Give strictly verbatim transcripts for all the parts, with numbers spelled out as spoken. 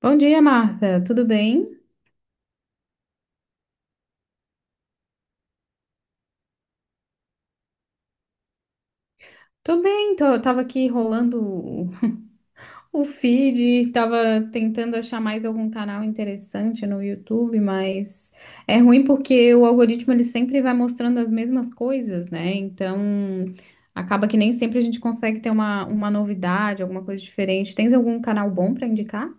Bom dia, Marta. Tudo bem? Tô bem, tô, tava aqui rolando o, o feed, tava tentando achar mais algum canal interessante no YouTube, mas é ruim porque o algoritmo ele sempre vai mostrando as mesmas coisas, né? Então acaba que nem sempre a gente consegue ter uma, uma novidade, alguma coisa diferente. Tens algum canal bom para indicar?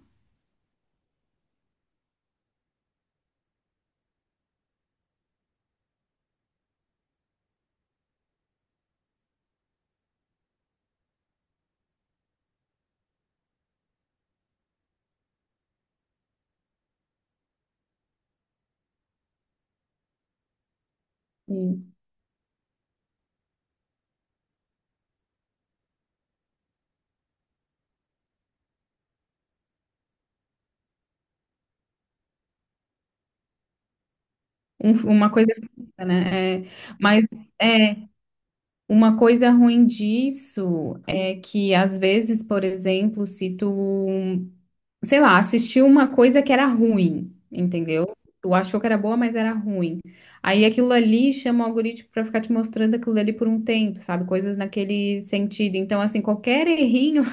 Hum. Um- uma coisa, fixa, né? É, mas é, Uma coisa ruim disso é que, às vezes, por exemplo, se tu, sei lá, assistiu uma coisa que era ruim, entendeu? Tu achou que era boa, mas era ruim. Aí aquilo ali chama o algoritmo pra ficar te mostrando aquilo ali por um tempo, sabe? Coisas naquele sentido. Então, assim, qualquer errinho,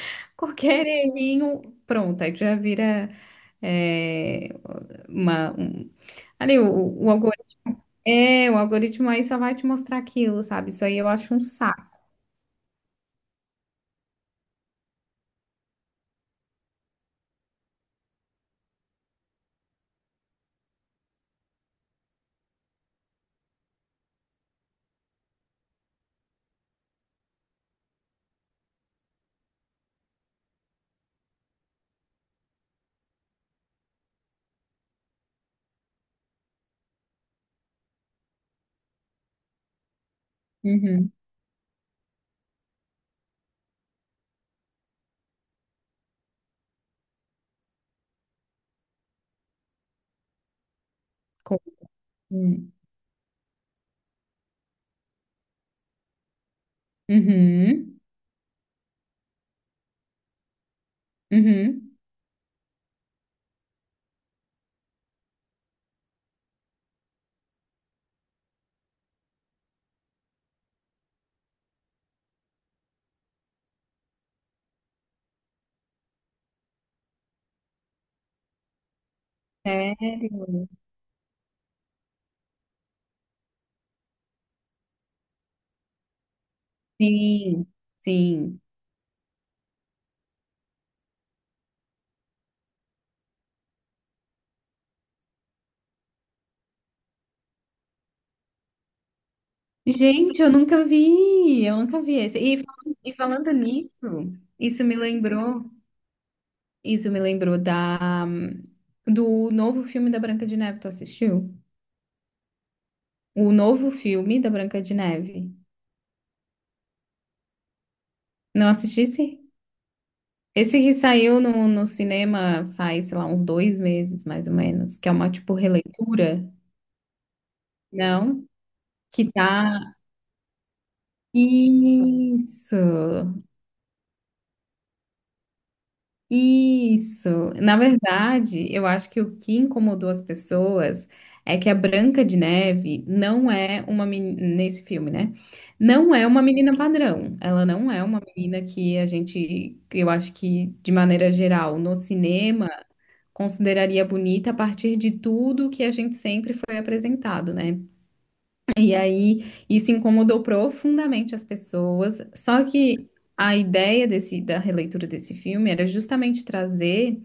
qualquer errinho, pronto, aí tu já vira é, uma, um- ali o, o algoritmo. É, o algoritmo aí só vai te mostrar aquilo, sabe? Isso aí eu acho um saco. Uhum. Hum. Uhum. Uhum. Sério? Sim, sim. Gente, eu nunca vi, eu nunca vi esse. E, falando- e falando nisso, isso me lembrou, isso me lembrou da do novo filme da Branca de Neve. Tu assistiu? O novo filme da Branca de Neve. Não assistisse? Esse que saiu no, no cinema faz, sei lá, uns dois meses, mais ou menos, que é uma, tipo, releitura, não? Que tá Isso, isso. Na verdade, eu acho que o que incomodou as pessoas é que a Branca de Neve não é uma menina, nesse filme, né? Não é uma menina padrão. Ela não é uma menina que a gente, que eu acho que de maneira geral, no cinema, consideraria bonita a partir de tudo que a gente sempre foi apresentado, né? E aí isso incomodou profundamente as pessoas. Só que a ideia desse, da releitura desse filme era justamente trazer,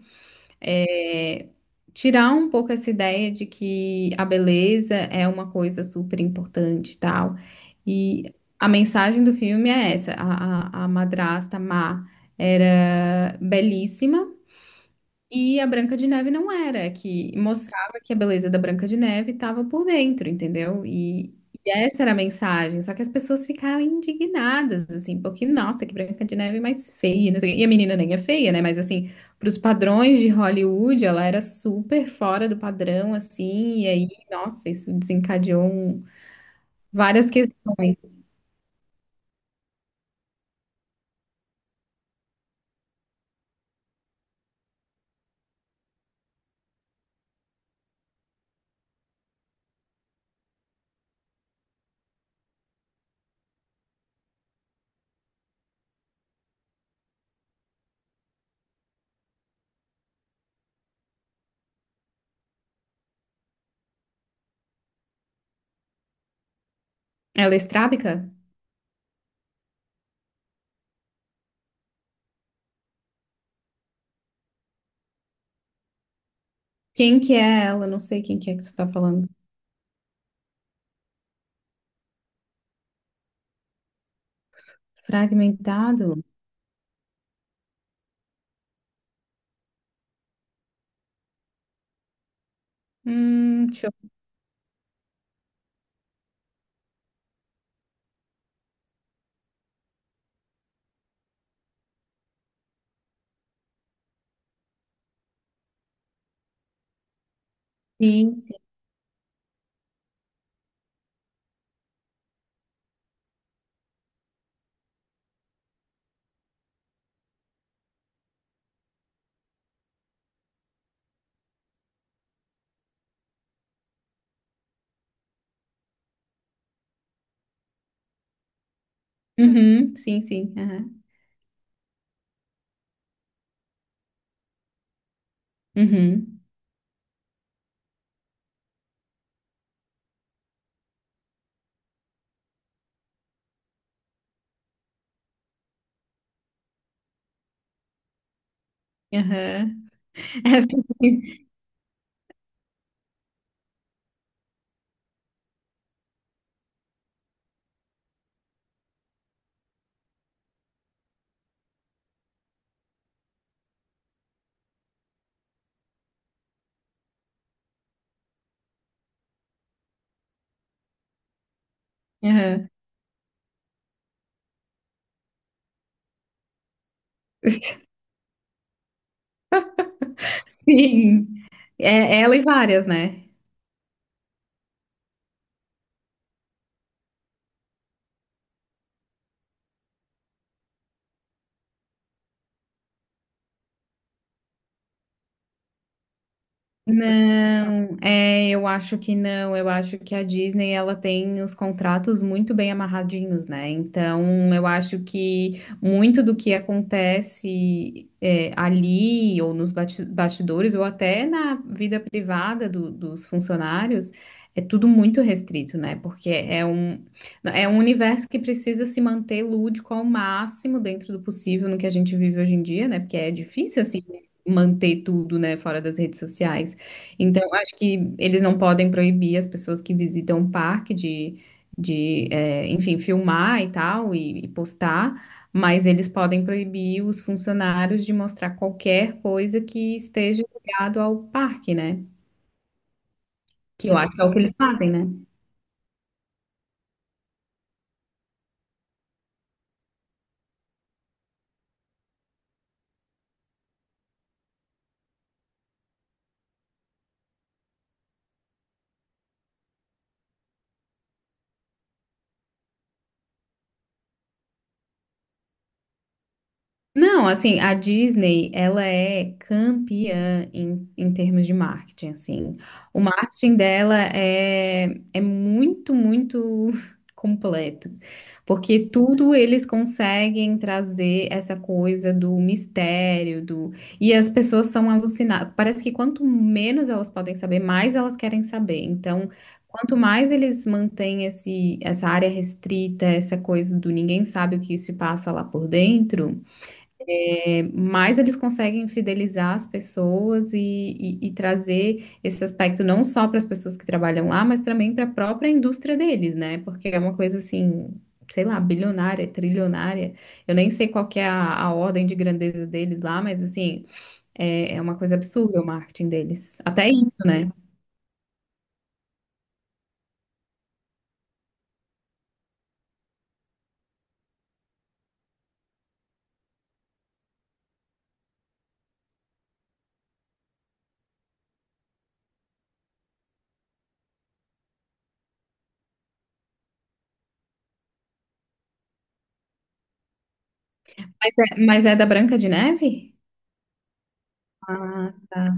é, tirar um pouco essa ideia de que a beleza é uma coisa super importante e tal. E a mensagem do filme é essa: a, a, a madrasta má era belíssima. E a Branca de Neve não era, é que mostrava que a beleza da Branca de Neve estava por dentro, entendeu? E, e essa era a mensagem. Só que as pessoas ficaram indignadas, assim, porque, nossa, que Branca de Neve mais feia, não sei o quê. E a menina nem é feia, né? Mas, assim, para os padrões de Hollywood, ela era super fora do padrão, assim. E aí, nossa, isso desencadeou um- várias questões. Ela é estrábica? Quem que é ela? Não sei quem que é que você está falando. Fragmentado? Hum, deixa eu... sim. Uhum, sim, sim. Aham. Uhum. Aham. É, sim. Aham. Sim. É, é ela e várias, né? Não, é, eu acho que não. Eu acho que a Disney ela tem os contratos muito bem amarradinhos, né? Então, eu acho que muito do que acontece é, ali ou nos bati- bastidores ou até na vida privada do- dos funcionários é tudo muito restrito, né? Porque é um é um universo que precisa se manter lúdico ao máximo dentro do possível no que a gente vive hoje em dia, né? Porque é difícil assim manter tudo, né, fora das redes sociais. Então, acho que eles não podem proibir as pessoas que visitam o parque de, de é, enfim, filmar e tal, e, e postar, mas eles podem proibir os funcionários de mostrar qualquer coisa que esteja ligado ao parque, né? Que eu acho que é o que eles fazem, né? Não, assim, a Disney, ela é campeã em, em termos de marketing, assim. O marketing dela é, é muito, muito completo, porque tudo eles conseguem trazer essa coisa do mistério, do. E as pessoas são alucinadas. Parece que quanto menos elas podem saber, mais elas querem saber. Então, quanto mais eles mantêm esse, essa área restrita, essa coisa do ninguém sabe o que se passa lá por dentro, mais eles conseguem fidelizar as pessoas e, e- e trazer esse aspecto não só para as pessoas que trabalham lá, mas também para a própria indústria deles, né? Porque é uma coisa assim, sei lá, bilionária, trilionária. Eu nem sei qual que é a, a ordem de grandeza deles lá, mas assim, é, é uma coisa absurda o marketing deles. Até isso, né? Mas é, mas é da Branca de Neve? Ah, tá.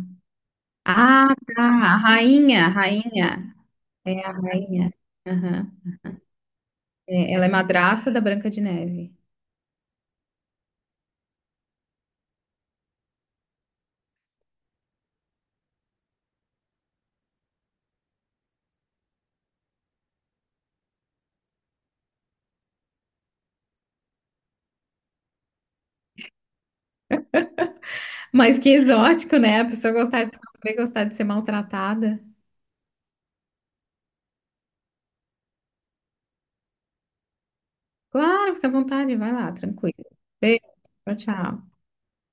Ah, tá. A rainha, a rainha. É a rainha. Aham. É, ela é madrasta da Branca de Neve. Mas que exótico, né? A pessoa gostar de, também gostar de ser maltratada. Claro, fica à vontade, vai lá, tranquilo. Beijo, tchau, tchau.